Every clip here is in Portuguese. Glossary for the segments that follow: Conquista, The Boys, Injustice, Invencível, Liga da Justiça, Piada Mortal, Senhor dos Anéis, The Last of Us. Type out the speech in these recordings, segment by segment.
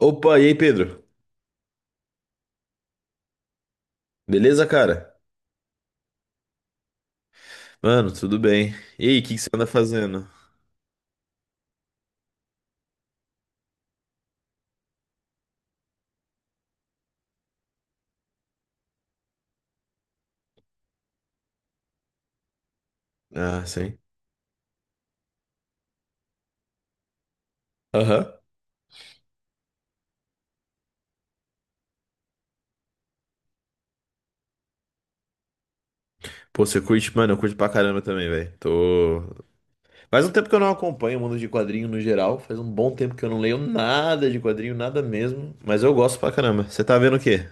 Opa, e aí, Pedro? Beleza, cara? Mano, tudo bem. E aí, o que que você anda fazendo? Ah, sim. Aham. Pô, você curte, mano, eu curto pra caramba também, velho. Tô. Faz um tempo que eu não acompanho o mundo de quadrinho no geral. Faz um bom tempo que eu não leio nada de quadrinho, nada mesmo. Mas eu gosto pra caramba. Você tá vendo o quê?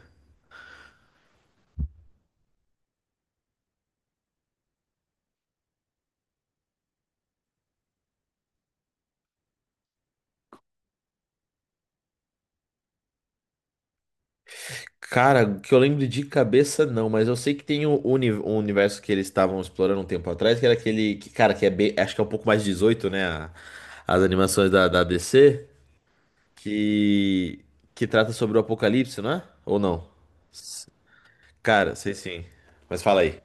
Cara, o que eu lembro de cabeça não, mas eu sei que tem um, um universo que eles estavam explorando um tempo atrás, que era aquele que, cara, que é bem, acho que é um pouco mais 18, né? As animações da DC. que que trata sobre o apocalipse, não é? Ou não? Cara, sei sim. Mas fala aí.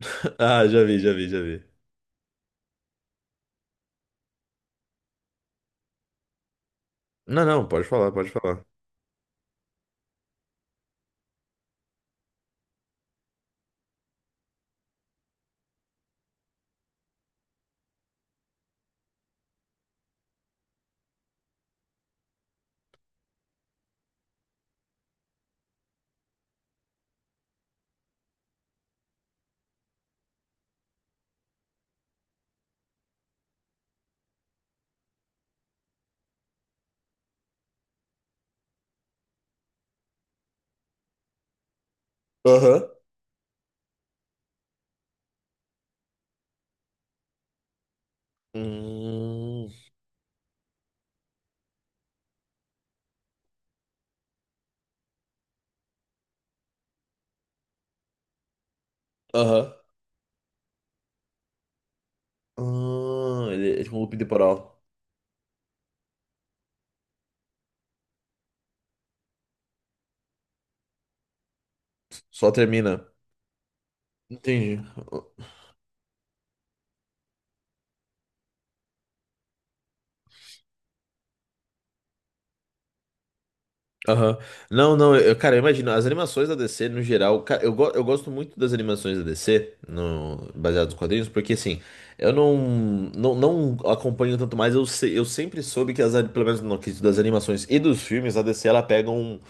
Ah, já vi, já vi, já vi. Não, não, pode falar, pode falar. Aham. Hum. Aham. Ah, ele é tipo um loop temporal. Só termina. Entendi. Aham. Não, não, eu, cara, eu imagino, as animações da DC, no geral, cara, eu gosto muito das animações da DC, no, baseadas nos quadrinhos, porque assim, eu não acompanho tanto mais, eu, se- eu sempre soube que pelo menos no quesito das animações e dos filmes, a DC, ela pega um,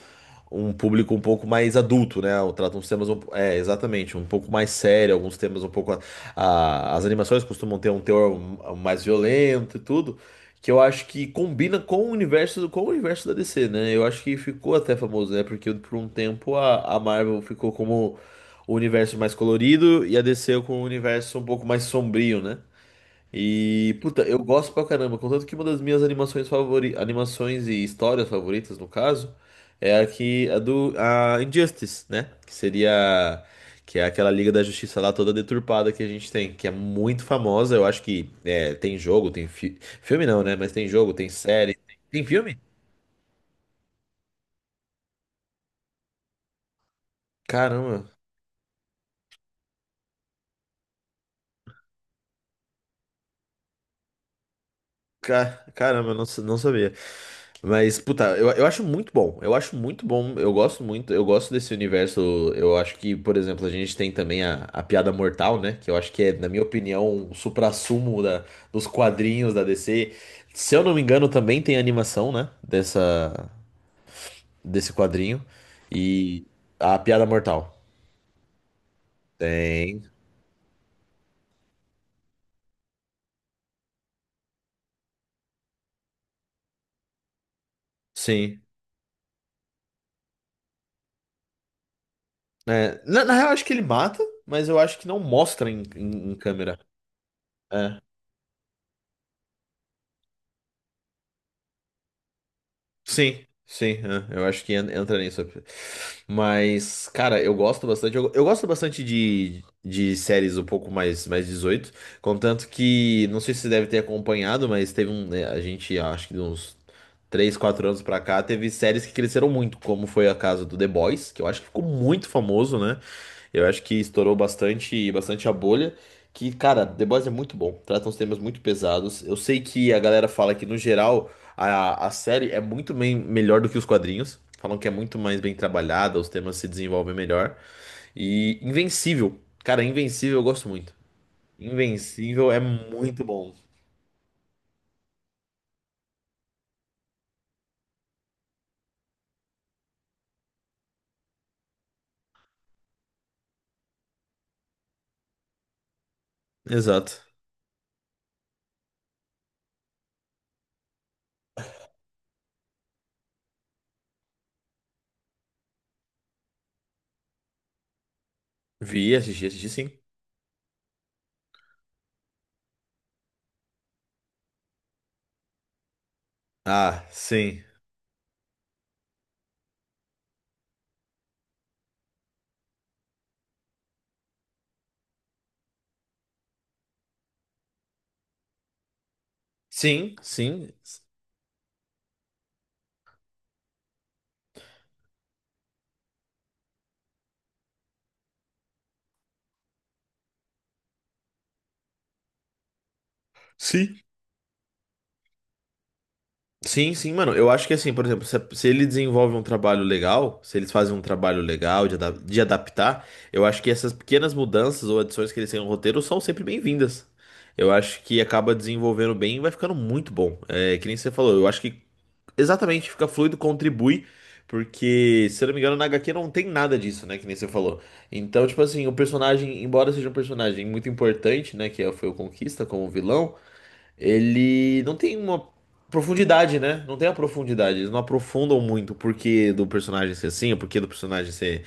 um público um pouco mais adulto, né? Ela trata uns temas, é, exatamente, um pouco mais sério, alguns temas um pouco, as animações costumam ter um teor mais violento e tudo, que eu acho que combina com o universo da DC, né? Eu acho que ficou até famoso, né? Porque por um tempo a Marvel ficou como o universo mais colorido e a DC com o universo um pouco mais sombrio, né? E, puta, eu gosto pra caramba. Contanto que uma das minhas animações animações e histórias favoritas, no caso, é a que a do a Injustice, né? Que seria que é aquela Liga da Justiça lá toda deturpada que a gente tem, que é muito famosa. Eu acho que é, tem jogo, tem filme não, né? Mas tem jogo, tem série, tem, tem filme? Caramba. Caramba, eu não sabia. Mas, puta, eu acho muito bom. Eu acho muito bom. Eu gosto muito. Eu gosto desse universo. Eu acho que, por exemplo, a gente tem também a Piada Mortal, né? Que eu acho que é, na minha opinião, um suprassumo da, dos quadrinhos da DC. Se eu não me engano, também tem animação, né? Desse quadrinho. E a Piada Mortal. Tem. Sim. É, na, na real, acho que ele mata, mas eu acho que não mostra em, em, em câmera. É. Sim, sim, é, eu acho que entra nisso. Mas, cara, eu gosto bastante. Eu gosto bastante de séries um pouco mais, mais 18. Contanto que, não sei se você deve ter acompanhado, mas teve um, né? Acho que de uns 3 4 anos pra cá, teve séries que cresceram muito, como foi a casa do The Boys, que eu acho que ficou muito famoso, né? Eu acho que estourou bastante, bastante a bolha. Que, cara, The Boys é muito bom. Trata uns temas muito pesados. Eu sei que a galera fala que, no geral, a série é muito bem, melhor do que os quadrinhos. Falam que é muito mais bem trabalhada, os temas se desenvolvem melhor. E Invencível. Cara, Invencível eu gosto muito. Invencível é muito bom. Exato. Vi, assisti, assisti sim. Ah, sim. Sim, sim. Sim. Sim, sim, mano. Eu acho que assim, por exemplo, se ele desenvolve um trabalho legal, se eles fazem um trabalho legal de adaptar, eu acho que essas pequenas mudanças ou adições que eles têm no roteiro são sempre bem-vindas. Eu acho que acaba desenvolvendo bem e vai ficando muito bom. É, que nem você falou, eu acho que exatamente fica fluido, contribui, porque, se eu não me engano, na HQ não tem nada disso, né? Que nem você falou. Então, tipo assim, o personagem, embora seja um personagem muito importante, né? Que foi o Conquista como vilão, ele não tem uma profundidade, né? Não tem a profundidade. Eles não aprofundam muito o porquê do personagem ser assim, o porquê do personagem ser,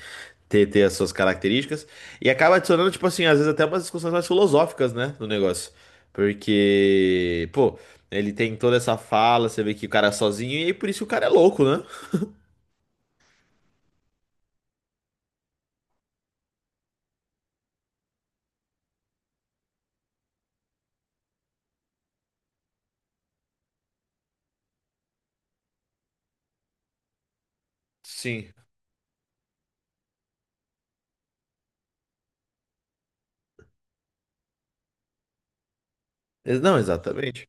ter, ter as suas características. E acaba adicionando, tipo assim, às vezes até umas discussões mais filosóficas, né? No negócio. Porque, pô, ele tem toda essa fala, você vê que o cara é sozinho, e aí por isso o cara é louco, né? Sim. Não, exatamente.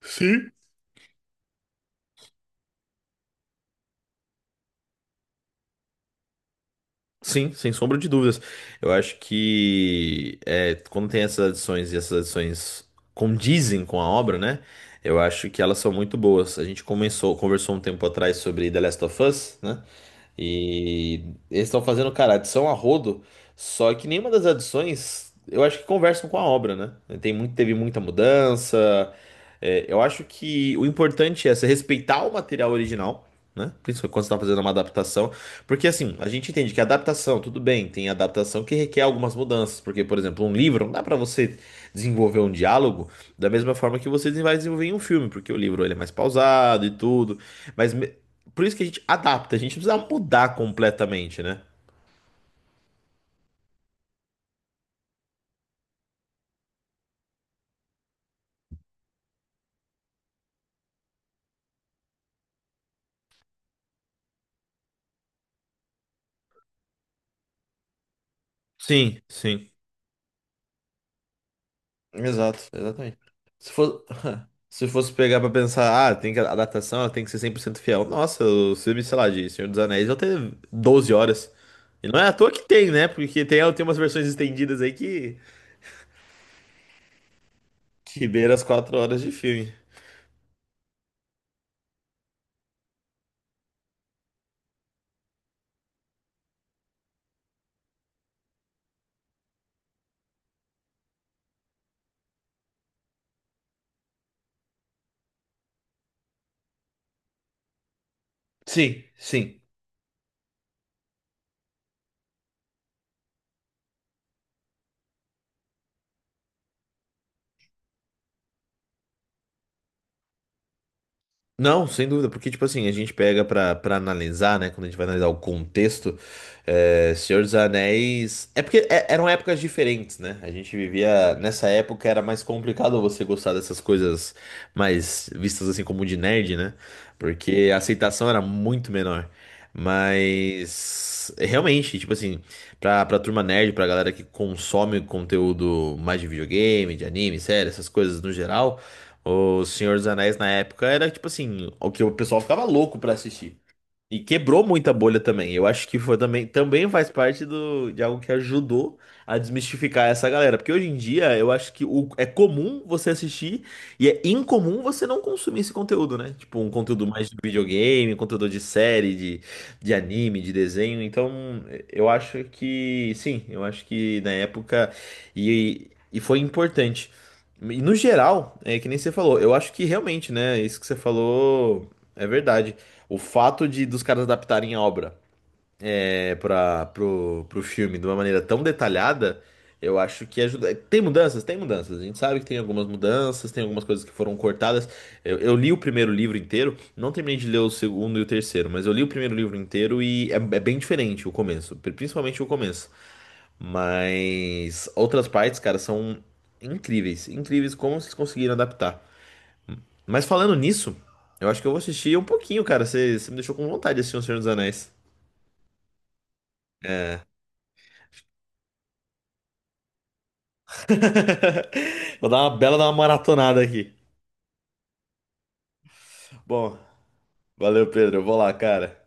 Sim. Sim, sem sombra de dúvidas. Eu acho que é, quando tem essas adições e essas adições condizem com a obra, né? Eu acho que elas são muito boas. A gente começou, conversou um tempo atrás sobre The Last of Us, né? E eles estão fazendo, cara, adição a rodo, só que nenhuma das adições eu acho que conversam com a obra, né? Tem muito, teve muita mudança. É, eu acho que o importante é você respeitar o material original, né? Principalmente quando você está fazendo uma adaptação. Porque assim, a gente entende que adaptação, tudo bem, tem adaptação que requer algumas mudanças, porque, por exemplo, um livro não dá pra você desenvolver um diálogo da mesma forma que você vai desenvolver em um filme, porque o livro ele é mais pausado e tudo, mas me- por isso que a gente adapta, a gente não precisa mudar completamente, né? Sim, sim. Exato, exatamente. Se fosse, se fosse pegar pra pensar, ah, tem que, a adaptação ela tem que ser 100% fiel. Nossa, o filme, sei lá, de Senhor dos Anéis, eu tenho 12 horas. E não é à toa que tem, né? Porque tem, tem umas versões estendidas aí que beira as 4 horas de filme. Sim, sim. Não, sem dúvida, porque, tipo assim, a gente pega pra, pra analisar, né? Quando a gente vai analisar o contexto, é, Senhor dos Anéis. É porque eram épocas diferentes, né? A gente vivia. Nessa época era mais complicado você gostar dessas coisas mais vistas assim como de nerd, né? Porque a aceitação era muito menor. Mas. Realmente, tipo assim, pra, pra turma nerd, pra galera que consome conteúdo mais de videogame, de anime, série, essas coisas no geral. O Senhor dos Anéis na época era tipo assim, o que o pessoal ficava louco pra assistir. E quebrou muita bolha também. Eu acho que foi também, também faz parte do, de algo que ajudou a desmistificar essa galera. Porque hoje em dia eu acho que o, é comum você assistir e é incomum você não consumir esse conteúdo, né? Tipo, um conteúdo mais de videogame, um conteúdo de série, de anime, de desenho. Então, eu acho que sim, eu acho que na época e foi importante. E no geral, é que nem você falou, eu acho que realmente, né? Isso que você falou é verdade. O fato de dos caras adaptarem a obra é, para pro, pro filme de uma maneira tão detalhada, eu acho que ajuda. Tem mudanças? Tem mudanças. A gente sabe que tem algumas mudanças, tem algumas coisas que foram cortadas. Eu li o primeiro livro inteiro, não terminei de ler o segundo e o terceiro, mas eu li o primeiro livro inteiro e é, é bem diferente o começo, principalmente o começo. Mas outras partes, cara, são incríveis, incríveis como vocês conseguiram adaptar. Mas falando nisso, eu acho que eu vou assistir um pouquinho, cara. Você, você me deixou com vontade de assistir O Senhor dos Anéis. Vou dar uma maratonada aqui. Bom, valeu, Pedro. Eu vou lá, cara.